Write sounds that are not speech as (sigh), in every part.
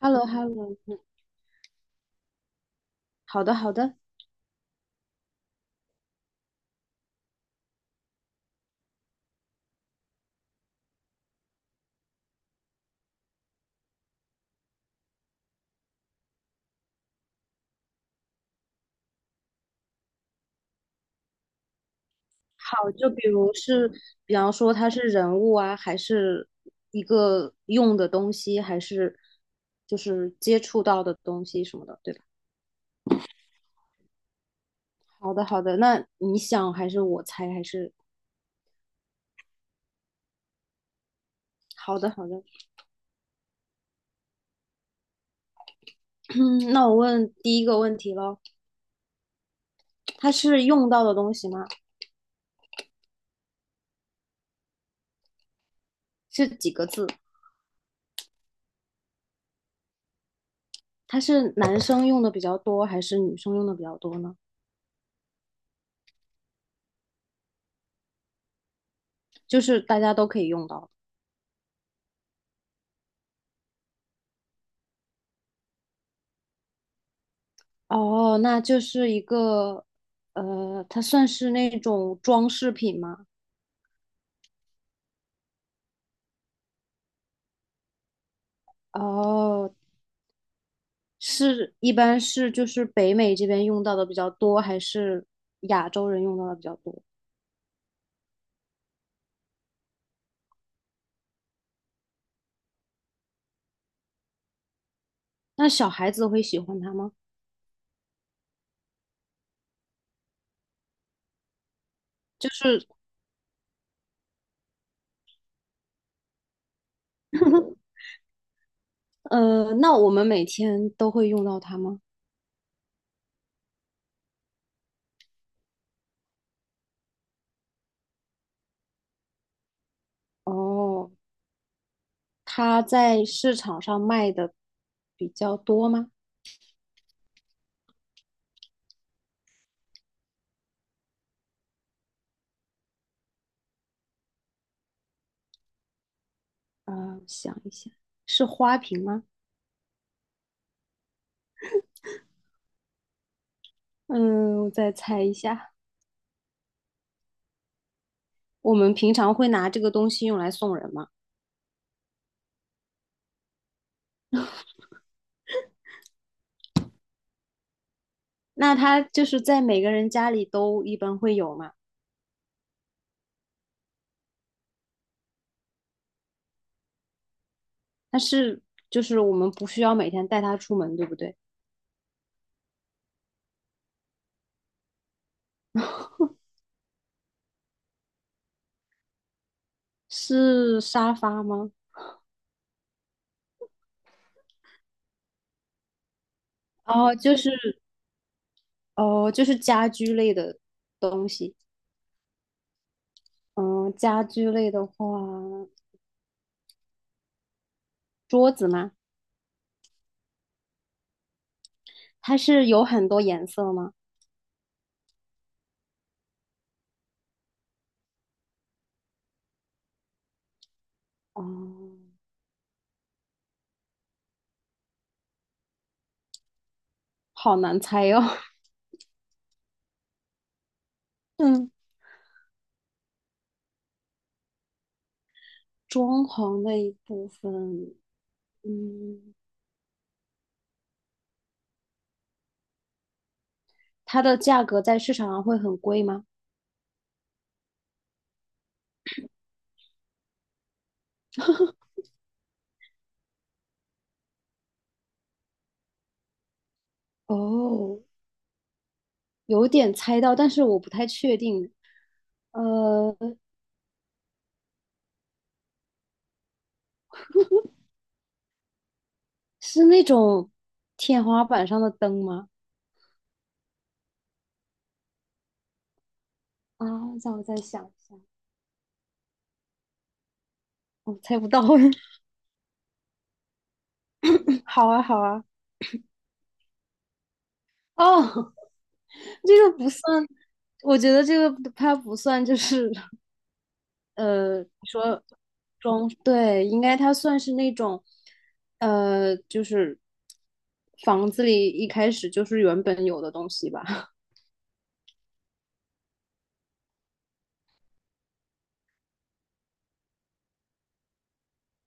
h e l l o h e l l o 嗯，好的，好的，好，就比如是，比方说它是人物啊，还是一个用的东西，还是就是接触到的东西什么的，对吧？好的，好的，那你想还是我猜还是？好的，好的，(clears throat) 嗯，那我问第一个问题咯，它是用到的东西吗？是几个字？它是男生用的比较多，还是女生用的比较多呢？就是大家都可以用到。哦，那就是一个，它算是那种装饰品吗？哦，是，一般是就是北美这边用到的比较多，还是亚洲人用到的比较多？那小孩子会喜欢它吗？就是，(laughs) 那我们每天都会用到它吗？哦，它在市场上卖的比较多吗？啊，想一下，是花瓶吗？嗯，我再猜一下。我们平常会拿这个东西用来送人嘛，那它就是在每个人家里都一般会有嘛，但是就是我们不需要每天带它出门，对不对？是沙发吗？哦，就是家居类的东西。嗯，家居类的话，桌子吗？它是有很多颜色吗？哦，好难猜哟。(laughs) 嗯，装潢的一部分，嗯，它的价格在市场上会很贵吗？哦，有点猜到，但是我不太确定。呃，是那种天花板上的灯吗？啊，让我再想一下，我猜不到。(laughs) 好啊，好啊。哦，(laughs) 这个不算，我觉得这个它不算，就是说装，对，应该它算是那种，就是房子里一开始就是原本有的东西吧。(laughs)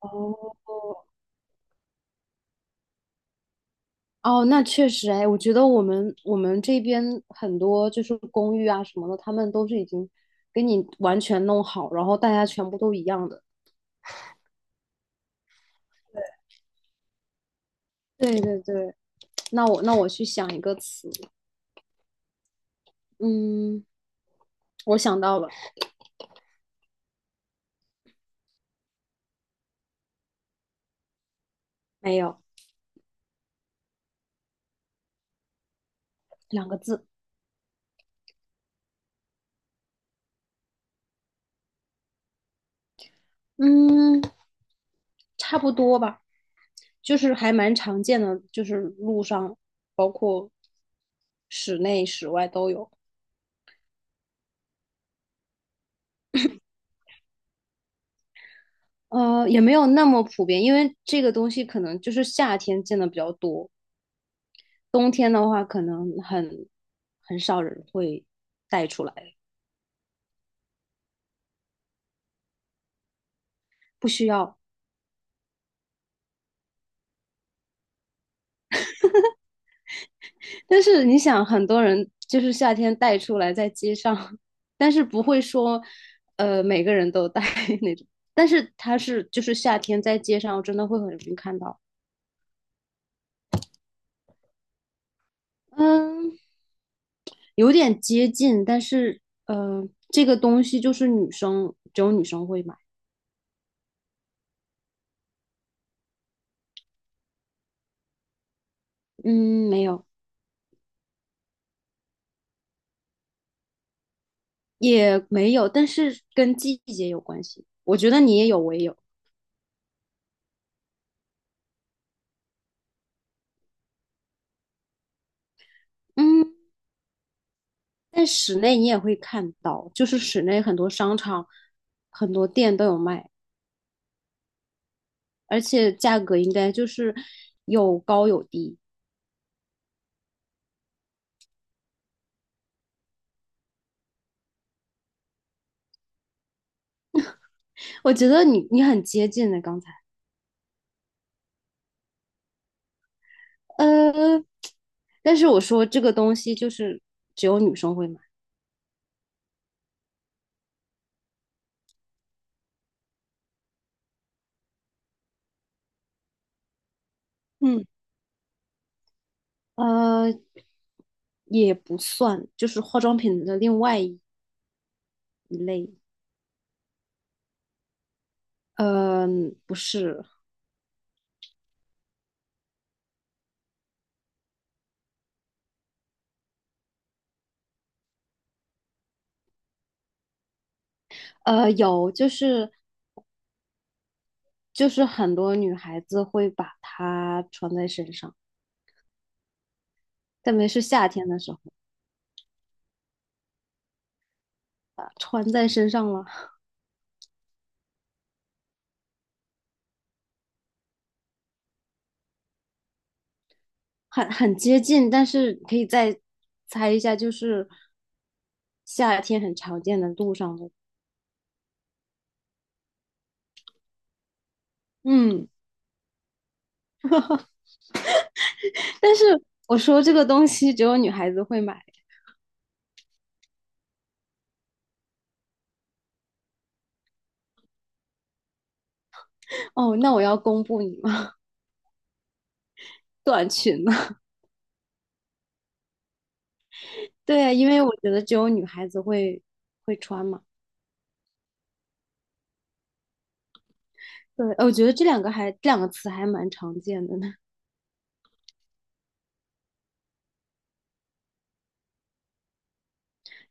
哦，哦，那确实，哎，我觉得我们这边很多就是公寓啊什么的，他们都是已经给你完全弄好，然后大家全部都一样的。对对对，那我去想一个词，嗯，我想到了，没有，两个字，嗯，差不多吧，就是还蛮常见的，就是路上包括室内室外都有，也没有那么普遍，因为这个东西可能就是夏天见的比较多。冬天的话，可能很少人会带出来，不需要。但是你想，很多人就是夏天带出来在街上，但是不会说，每个人都带 (laughs) 那种。但是它是就是夏天在街上，我真的会很容易看到。嗯，有点接近，但是这个东西就是只有女生会买。嗯，没有，也没有，但是跟季节有关系。我觉得你也有，我也有。嗯。在室内你也会看到，就是室内很多商场、很多店都有卖，而且价格应该就是有高有低。我觉得你很接近的刚才，呃，但是我说这个东西就是只有女生会买，嗯，呃，也不算，就是化妆品的另外一类，呃，不是，有就是很多女孩子会把它穿在身上，特别是夏天的时候。穿在身上了，很接近，但是可以再猜一下，就是夏天很常见的路上的，嗯，但是我说这个东西只有女孩子会买，哦，那我要公布你吗？(laughs) 短裙呢？对啊，因为我觉得只有女孩子会穿嘛。对，我觉得这两个词还蛮常见的呢，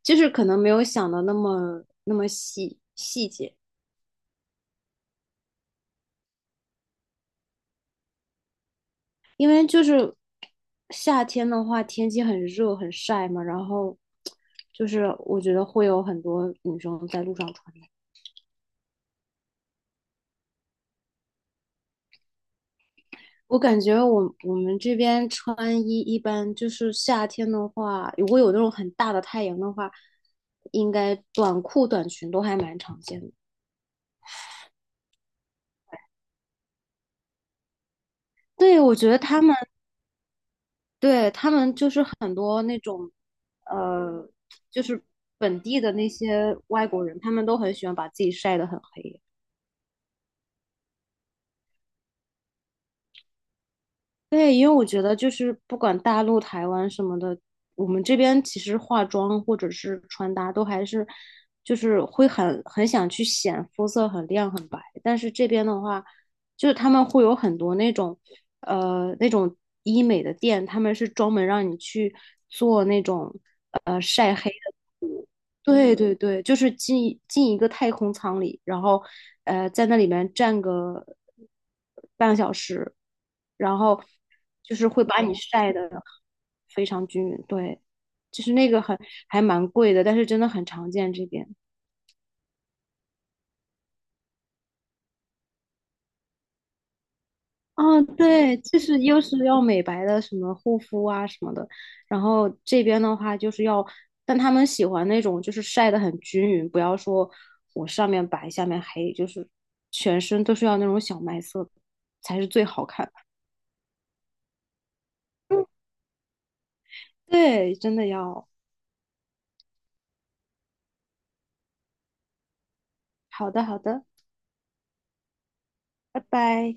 就是可能没有想的那么那么细节。因为就是夏天的话，天气很热很晒嘛，然后就是我觉得会有很多女生在路上穿的。我感觉我们这边穿衣一般就是夏天的话，如果有那种很大的太阳的话，应该短裤短裙都还蛮常见的。对，我觉得他们对他们就是很多那种，呃，就是本地的那些外国人，他们都很喜欢把自己晒得很黑。对，因为我觉得就是不管大陆、台湾什么的，我们这边其实化妆或者是穿搭都还是，就是会很想去显肤色很亮很白，但是这边的话，就是他们会有很多那种，那种医美的店，他们是专门让你去做那种晒黑的。对对对，就是进一个太空舱里，然后在那里面站个半个小时，然后就是会把你晒的非常均匀。对，就是那个很还蛮贵的，但是真的很常见这边。哦，对，就是又是要美白的，什么护肤啊什么的，然后这边的话就是要，但他们喜欢那种就是晒得很均匀，不要说我上面白下面黑，就是全身都是要那种小麦色才是最好看的。对，真的要。好的，好的，拜拜。